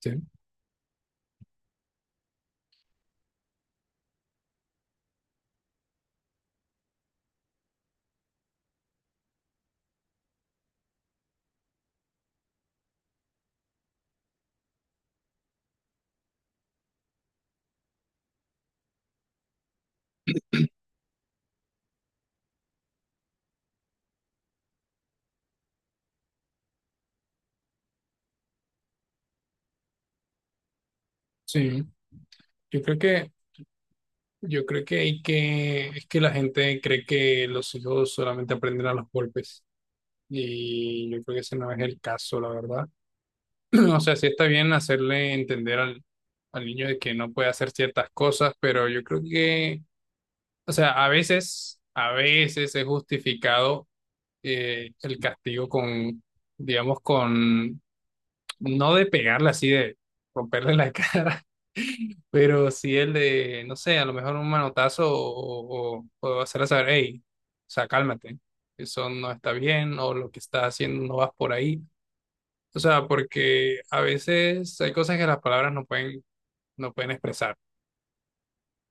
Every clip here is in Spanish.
Sí, sí. Yo creo que, yo creo que hay que, es que la gente cree que los hijos solamente aprenden a los golpes. Y yo creo que ese no es el caso, la verdad. O sea, sí está bien hacerle entender al niño de que no puede hacer ciertas cosas, pero yo creo que, o sea, a veces es justificado el castigo con, digamos, con, no de pegarle así, de romperle la cara. Pero si el de, no sé, a lo mejor un manotazo o hacerle saber, hey, o sea, cálmate, eso no está bien o lo que estás haciendo no vas por ahí. O sea, porque a veces hay cosas que las palabras no pueden, no pueden expresar,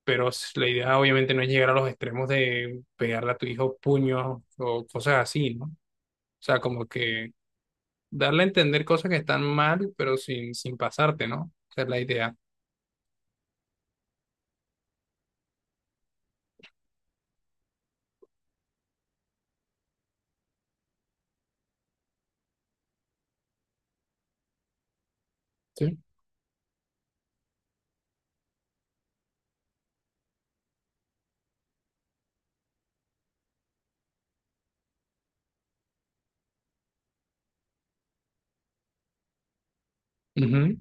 pero la idea obviamente no es llegar a los extremos de pegarle a tu hijo puños o cosas así, ¿no? O sea, como que darle a entender cosas que están mal, pero sin pasarte, ¿no? Esa es la idea. Sí. Ujú,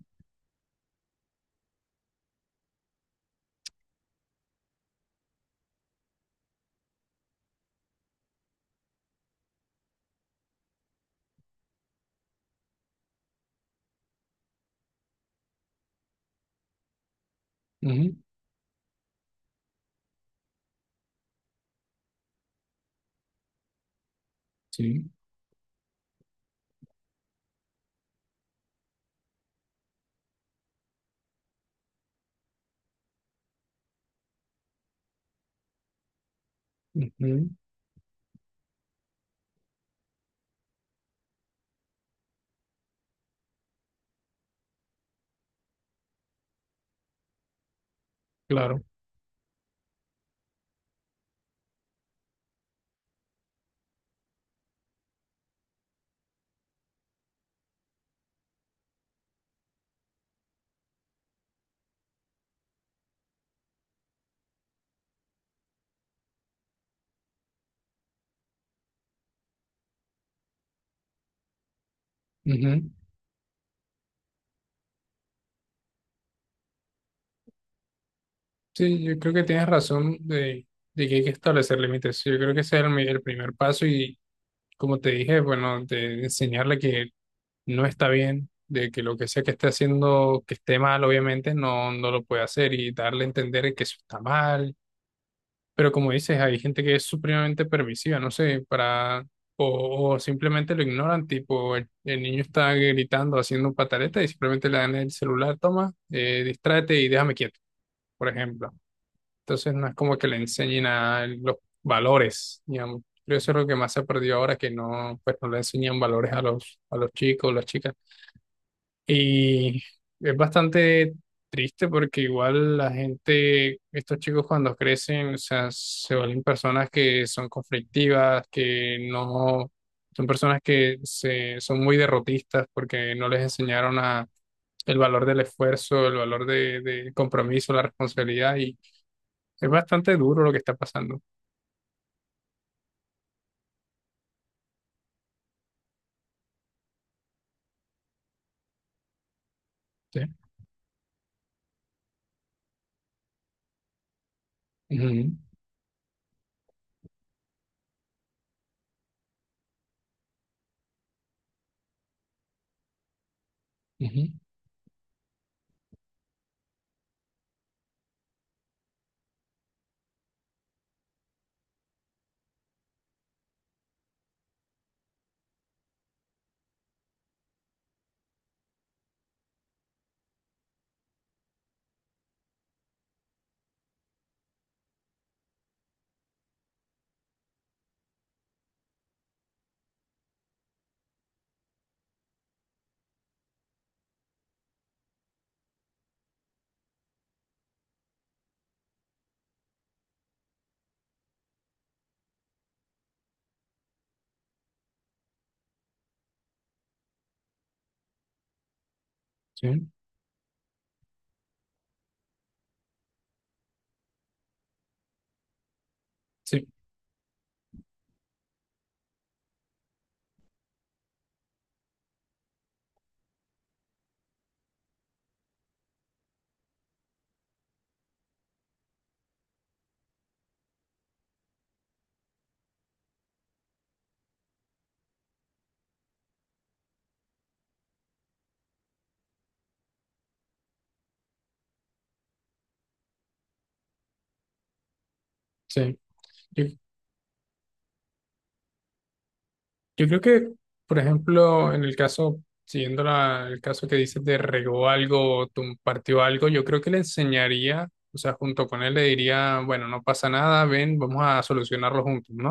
ujú, sí. Ujú, claro. Ujú. Sí, yo creo que tienes razón de que hay que establecer límites. Yo creo que ese es el primer paso y como te dije, bueno, de enseñarle que no está bien, de que lo que sea que esté haciendo, que esté mal, obviamente, no lo puede hacer y darle a entender que eso está mal. Pero como dices, hay gente que es supremamente permisiva, no sé, para, o simplemente lo ignoran, tipo, el niño está gritando, haciendo pataleta y simplemente le dan el celular, toma, distráete y déjame quieto, por ejemplo. Entonces no es como que le enseñen a él los valores, digamos. Creo que eso es lo que más se perdió ahora, que no, pues no le enseñan valores a a los chicos, las chicas. Y es bastante triste porque igual la gente, estos chicos cuando crecen, o sea, se vuelven personas que son conflictivas, que no, son personas son muy derrotistas porque no les enseñaron a, el valor del esfuerzo, el valor del compromiso, la responsabilidad. Y es bastante duro lo que está pasando. Sí. Ujú, ujú, sí, sí, sí. Yo, yo creo que, por ejemplo, en el caso, siguiendo el caso que dices de regó algo, partió algo, yo creo que le enseñaría, o sea, junto con él le diría, bueno, no pasa nada, ven, vamos a solucionarlo juntos, ¿no?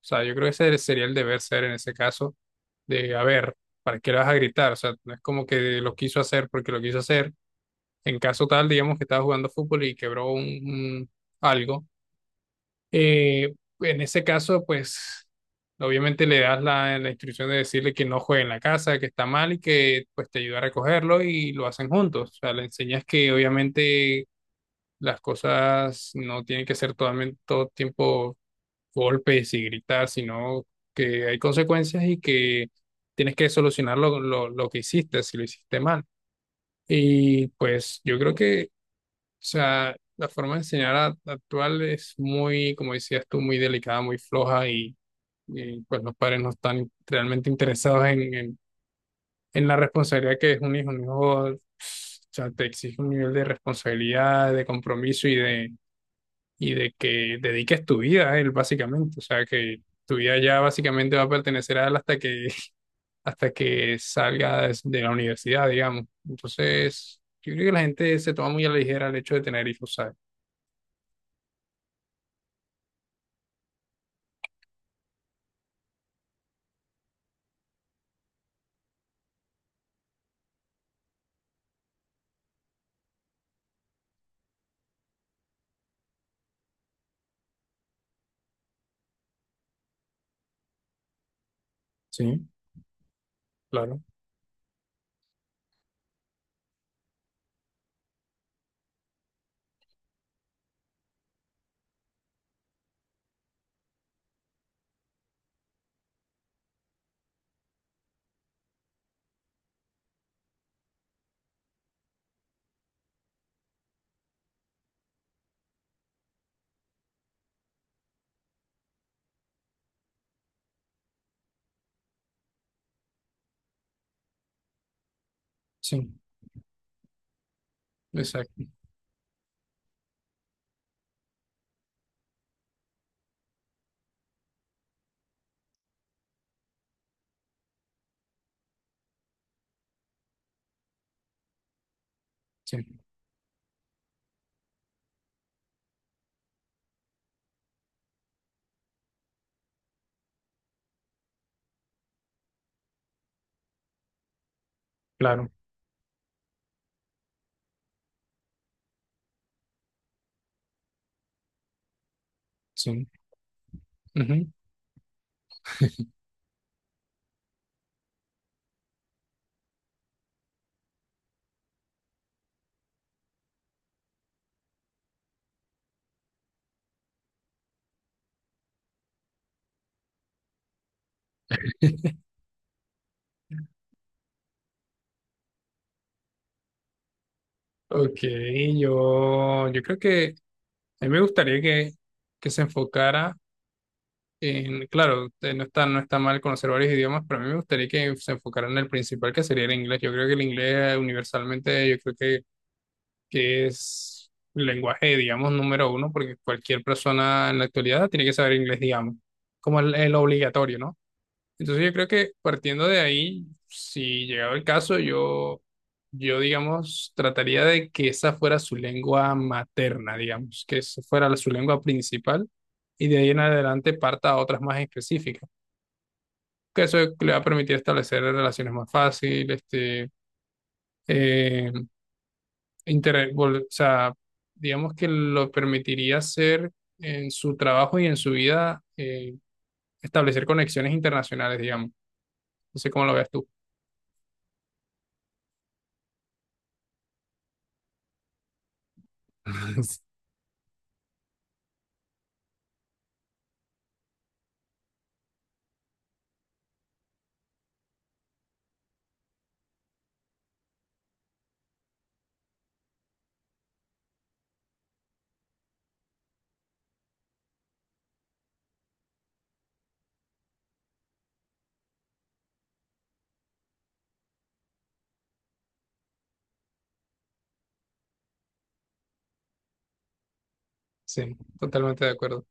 O sea, yo creo que ese sería el deber ser en ese caso, de, a ver, ¿para qué le vas a gritar? O sea, no es como que lo quiso hacer porque lo quiso hacer. En caso tal, digamos que estaba jugando fútbol y quebró un algo, eh, en ese caso, pues obviamente le das la instrucción de decirle que no juegue en la casa, que está mal y que pues te ayuda a recogerlo y lo hacen juntos. O sea, le enseñas que obviamente las cosas no tienen que ser totalmente todo tiempo golpes y gritar, sino que hay consecuencias y que tienes que solucionar lo que hiciste, si lo hiciste mal. Y pues yo creo que o sea, la forma de enseñar actual es muy, como decías tú, muy delicada, muy floja y, pues los padres no están realmente interesados en la responsabilidad que es un hijo. Un hijo, o sea, te exige un nivel de responsabilidad, de compromiso y de que dediques tu vida a él, básicamente. O sea, que tu vida ya básicamente va a pertenecer a él hasta que, hasta que salga de la universidad, digamos. Entonces, yo creo que la gente se toma muy a la ligera el hecho de tener hijos, ¿sabes? Sí. Claro. Sí, exacto, sí, claro, sí. Ujú. Ok, yo creo que a mí me gustaría que se enfocara en, claro, no está mal conocer varios idiomas, pero a mí me gustaría que se enfocara en el principal, que sería el inglés. Yo creo que el inglés universalmente, que es el lenguaje, digamos, número uno, porque cualquier persona en la actualidad tiene que saber inglés, digamos, como el obligatorio, ¿no? Entonces yo creo que partiendo de ahí, si llegado el caso, yo digamos, trataría de que esa fuera su lengua materna, digamos, que esa fuera su lengua principal y de ahí en adelante parta a otras más específicas, que eso le va a permitir establecer relaciones más fáciles, este, eh, o sea, digamos que lo permitiría hacer en su trabajo y en su vida, establecer conexiones internacionales, digamos. No sé cómo lo ves tú. Sí, totalmente de acuerdo.